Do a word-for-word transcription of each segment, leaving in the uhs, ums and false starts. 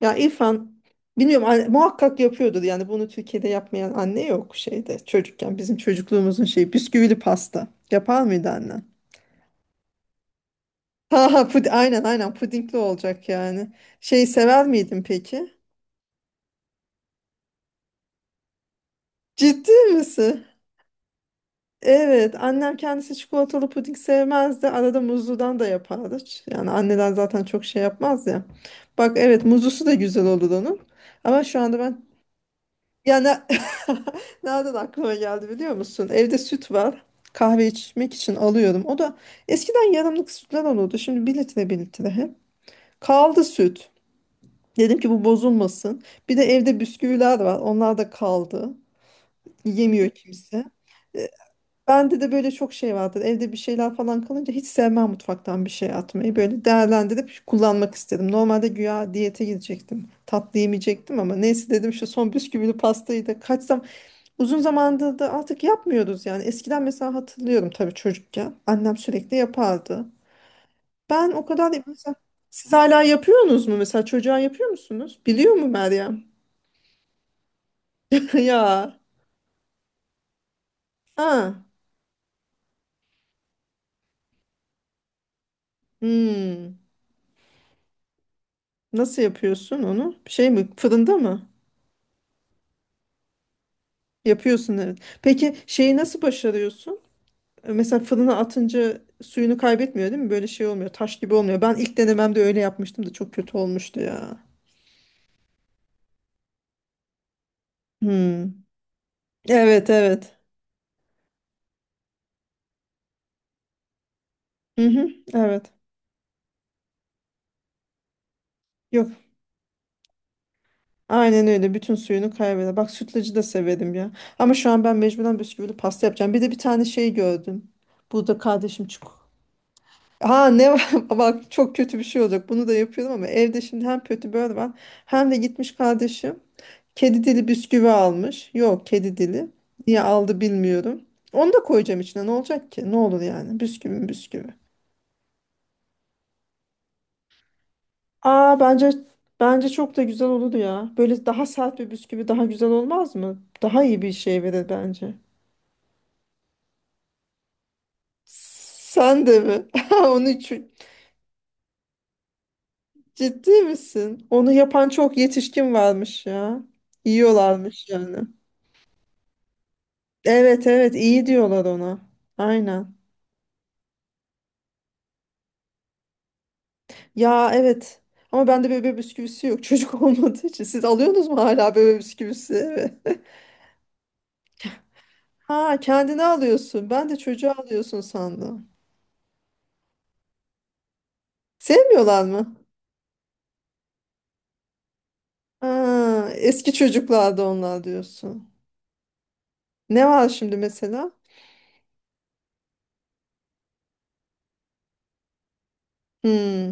Ya İrfan bilmiyorum anne- muhakkak yapıyordur yani bunu Türkiye'de yapmayan anne yok şeyde çocukken bizim çocukluğumuzun şeyi bisküvili pasta yapar mıydı annen? Ha ha pud aynen, aynen pudingli olacak yani. Şey sever miydin peki? Ciddi misin? Evet, annem kendisi çikolatalı puding sevmezdi, arada muzludan da yapardı. Ç- Yani anneler zaten çok şey yapmaz ya. Bak evet, muzlusu da güzel olur onun. Ama şu anda ben Ya ne- nereden aklıma geldi biliyor musun? Evde süt var. Kahve içmek için alıyorum. O da eskiden yarımlık sütler olurdu. Şimdi bir litre, bir litre hep. Kaldı süt. Dedim ki bu bozulmasın. Bir de evde bisküviler var. Onlar da kaldı. Yemiyor kimse. E, Bende de böyle çok şey vardır. Evde bir şeyler falan kalınca hiç sevmem mutfaktan bir şey atmayı. Böyle değerlendirip kullanmak istedim. Normalde güya diyete gidecektim. Tatlı yemeyecektim ama neyse dedim şu son bisküvili pastayı da kaçsam. Uzun zamandır da artık yapmıyoruz yani. Eskiden mesela hatırlıyorum tabii çocukken. Annem sürekli yapardı. Ben o kadar mesela siz hala yapıyorsunuz mu, mesela çocuğa yapıyor musunuz? Biliyor mu Meryem? Ya. Ha. Hmm. Nasıl yapıyorsun onu? Şey mi? Fırında mı? Yapıyorsun evet. Peki şeyi nasıl başarıyorsun? E, Mesela fırına atınca suyunu kaybetmiyor değil mi? Böyle şey olmuyor. Taş gibi olmuyor. Ben ilk denememde öyle yapmıştım da çok kötü olmuştu ya. Hmm. Evet, evet. Hı hı, evet. Yok. Aynen öyle. Bütün suyunu kaybeder. Bak sütlacı da severim ya. Ama şu an ben mecburen bisküvili pasta yapacağım. Bir de bir tane şey gördüm. Burada kardeşim çık. Ha ne var? Bak çok kötü bir şey olacak. Bunu da yapıyorum ama evde şimdi hem kötü böyle var hem de gitmiş kardeşim kedi dili bisküvi almış. Yok kedi dili. Niye aldı bilmiyorum. Onu da koyacağım içine. Ne olacak ki? Ne olur yani? Bisküvi mi bisküvi. Aa, bence bence çok da güzel olur ya. Böyle daha sert bir bisküvi daha güzel olmaz mı? Daha iyi bir şey verir bence. Sen de mi? Onu çü- ciddi misin? Onu yapan çok yetişkin varmış ya. Yiyorlarmış yani. Evet evet, iyi diyorlar ona. Aynen. Ya evet. Ama bende bebe bisküvisi yok, çocuk olmadığı için. Siz alıyorsunuz mu hala bebe bisküvisi? Evet. Ha, kendine alıyorsun. Ben de çocuğa alıyorsun sandım. Sevmiyorlar mı? Aa, eski çocuklarda onlar diyorsun. Ne var şimdi mesela? Hmm.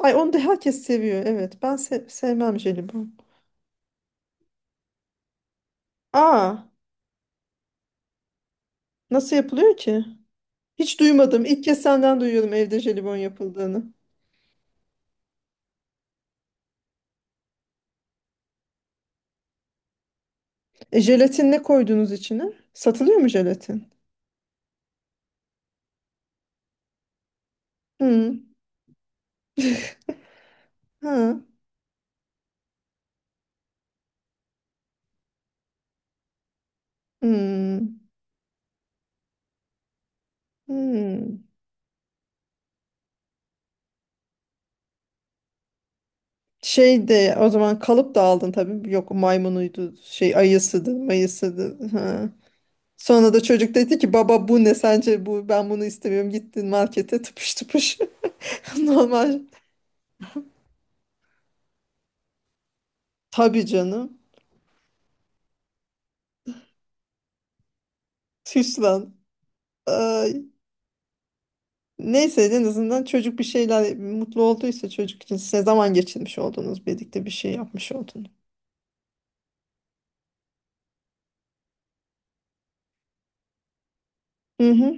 Ay onu da herkes seviyor. Evet. Ben se- sevmem jelibon. Aa, nasıl yapılıyor ki? Hiç duymadım. İlk kez senden duyuyorum evde jelibon yapıldığını. E, jelatin ne koydunuz içine? Satılıyor mu jelatin? Hmm. Ha. Hmm. Hmm. Şey de o zaman kalıp da aldın tabii. Yok maymunuydu. Şey ayısıydı, mayısıydı. Ha. Sonra da çocuk dedi ki baba bu ne sence, bu ben bunu istemiyorum. Gittin markete tıpış tıpış. Normal. Tabii canım. Süs. Ay. Neyse en azından çocuk bir şeyler mutlu olduysa çocuk için size zaman geçirmiş oldunuz. Birlikte bir şey yapmış oldunuz. Hı hı.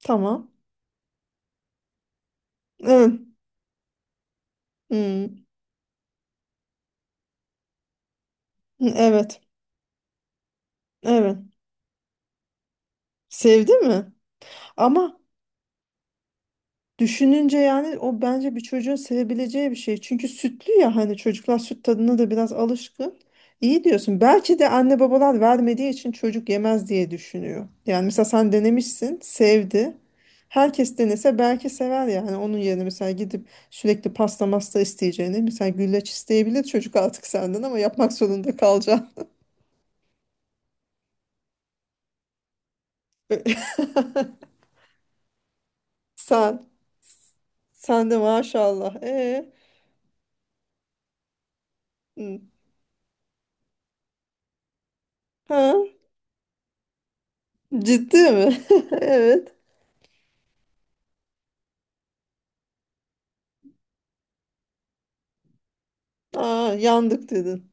Tamam. Evet. Hı. Hı, evet. Evet. Sevdi mi? Ama düşününce yani o bence bir çocuğun sevebileceği bir şey. Çünkü sütlü ya, hani çocuklar süt tadına da biraz alışkın. İyi diyorsun. Belki de anne babalar vermediği için çocuk yemez diye düşünüyor. Yani mesela sen denemişsin, sevdi. Herkes denese belki sever yani. Onun yerine mesela gidip sürekli pasta masta isteyeceğini. Mesela güllaç isteyebilir çocuk artık senden ama yapmak zorunda kalacaksın. Sen. Sen de maşallah. e hı. Ha? Ciddi mi? Evet. Aa, yandık dedin.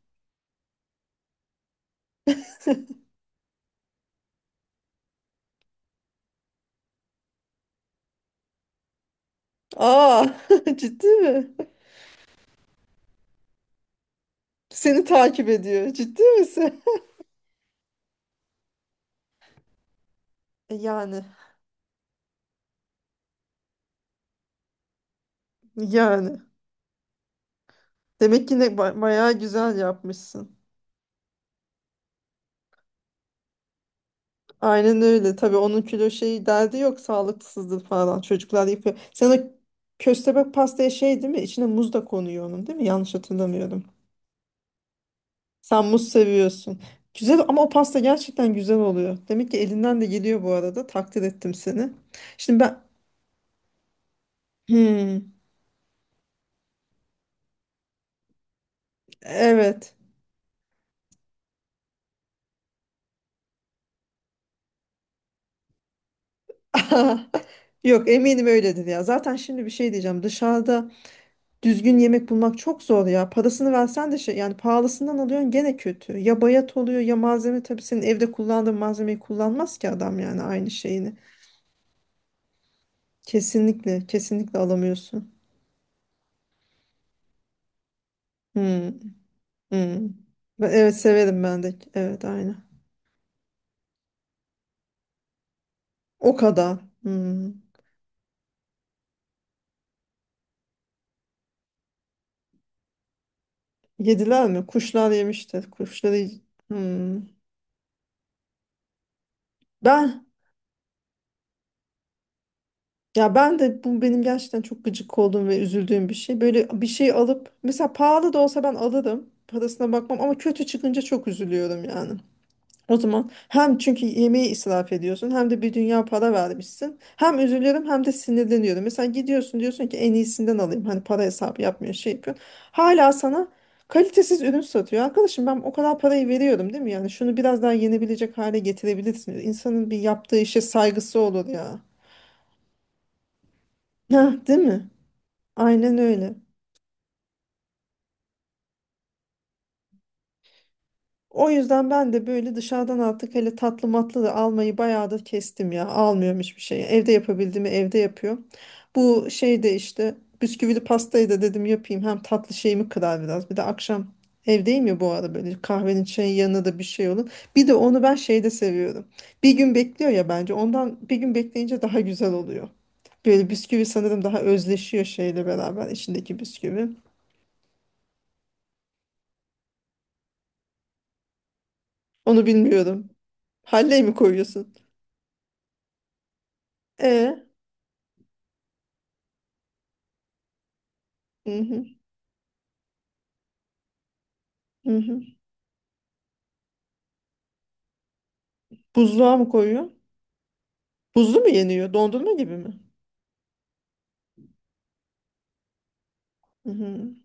Aa, ciddi mi? Seni takip ediyor. Ciddi misin? Yani, yani. Demek ki ne ba- bayağı güzel yapmışsın. Aynen öyle. Tabii onun kilo şeyi derdi yok. Sağlıksızdır falan. Çocuklar yapıyor. Sen o köstebek pastaya şey değil mi? İçine muz da konuyor onun değil mi? Yanlış hatırlamıyorum. Sen muz seviyorsun. Güzel ama o pasta gerçekten güzel oluyor. Demek ki elinden de geliyor bu arada. Takdir ettim seni. Şimdi ben. Hmm. Evet. Yok, eminim öyledir ya. Zaten şimdi bir şey diyeceğim. Dışarıda düzgün yemek bulmak çok zor ya. Parasını versen de şey yani pahalısından alıyorsun gene kötü. Ya bayat oluyor ya malzeme, tabii senin evde kullandığın malzemeyi kullanmaz ki adam yani aynı şeyini. Kesinlikle, kesinlikle alamıyorsun. Hmm, hmm. Ben- evet, severim ben de. Evet aynı. O kadar. Hmm. Yediler mi? Kuşlar yemiştir. Kuşları. Hmm. Ben. Ya ben de bu benim gerçekten çok gıcık olduğum ve üzüldüğüm bir şey. Böyle bir şey alıp mesela pahalı da olsa ben alırım. Parasına bakmam ama kötü çıkınca çok üzülüyorum yani. O zaman hem çünkü yemeği israf ediyorsun hem de bir dünya para vermişsin. Hem üzülüyorum hem de sinirleniyorum. Mesela gidiyorsun diyorsun ki en iyisinden alayım. Hani para hesabı yapmıyor, şey yapıyor. Hala sana kalitesiz ürün satıyor. Arkadaşım ben o kadar parayı veriyorum değil mi? Yani şunu biraz daha yenebilecek hale getirebilirsiniz. İnsanın bir yaptığı işe saygısı olur ya. Ha, değil mi? Aynen öyle. O yüzden ben de böyle dışarıdan artık hele tatlı matlı da almayı bayağıdır kestim ya. Almıyorum hiçbir şeyi. Evde yapabildiğimi evde yapıyorum. Bu şeyde de işte bisküvili pastayı da dedim yapayım. Hem tatlı şeyimi kırar biraz. Bir de akşam evdeyim ya bu ara, böyle kahvenin çayın yanına da bir şey olur. Bir de onu ben şeyde seviyorum. Bir gün bekliyor ya bence. Ondan bir gün bekleyince daha güzel oluyor. Böyle bisküvi sanırım daha özleşiyor şeyle beraber içindeki bisküvi. Onu bilmiyorum. Halley mi koyuyorsun? E, hı hı, hı hı. Buzluğa mı koyuyor? Buzlu mu yeniyor? Dondurma gibi mi? Hı hı.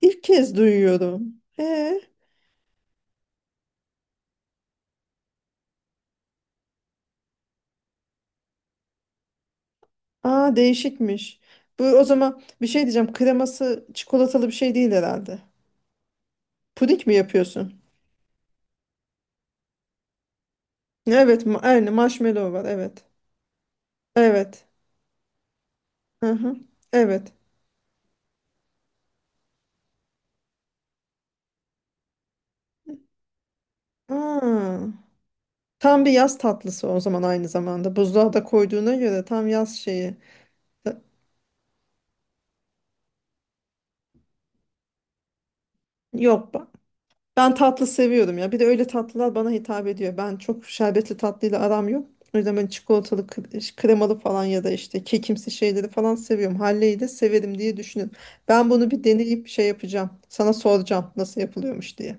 İlk kez duyuyorum. E, aa değişikmiş. Bu o zaman bir şey diyeceğim. Kreması çikolatalı bir şey değil herhalde. Puding mi yapıyorsun? Evet, ma aynı marshmallow var. Evet. Evet. Hı hı. Evet. Aa, tam bir yaz tatlısı o zaman aynı zamanda. Buzluğa da koyduğuna göre tam yaz şeyi. Da- Yok. Ben tatlı seviyorum ya. Bir de öyle tatlılar bana hitap ediyor. Ben çok şerbetli tatlıyla aram yok. O yüzden ben çikolatalı, kre- kremalı falan ya da işte kekimsi şeyleri falan seviyorum. Halleyi de severim diye düşünüyorum. Ben bunu bir deneyip şey yapacağım. Sana soracağım nasıl yapılıyormuş diye.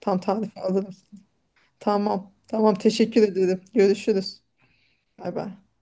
Tam tarifi alırım. Tamam. Tamam. Teşekkür ederim. Görüşürüz. Bay bay.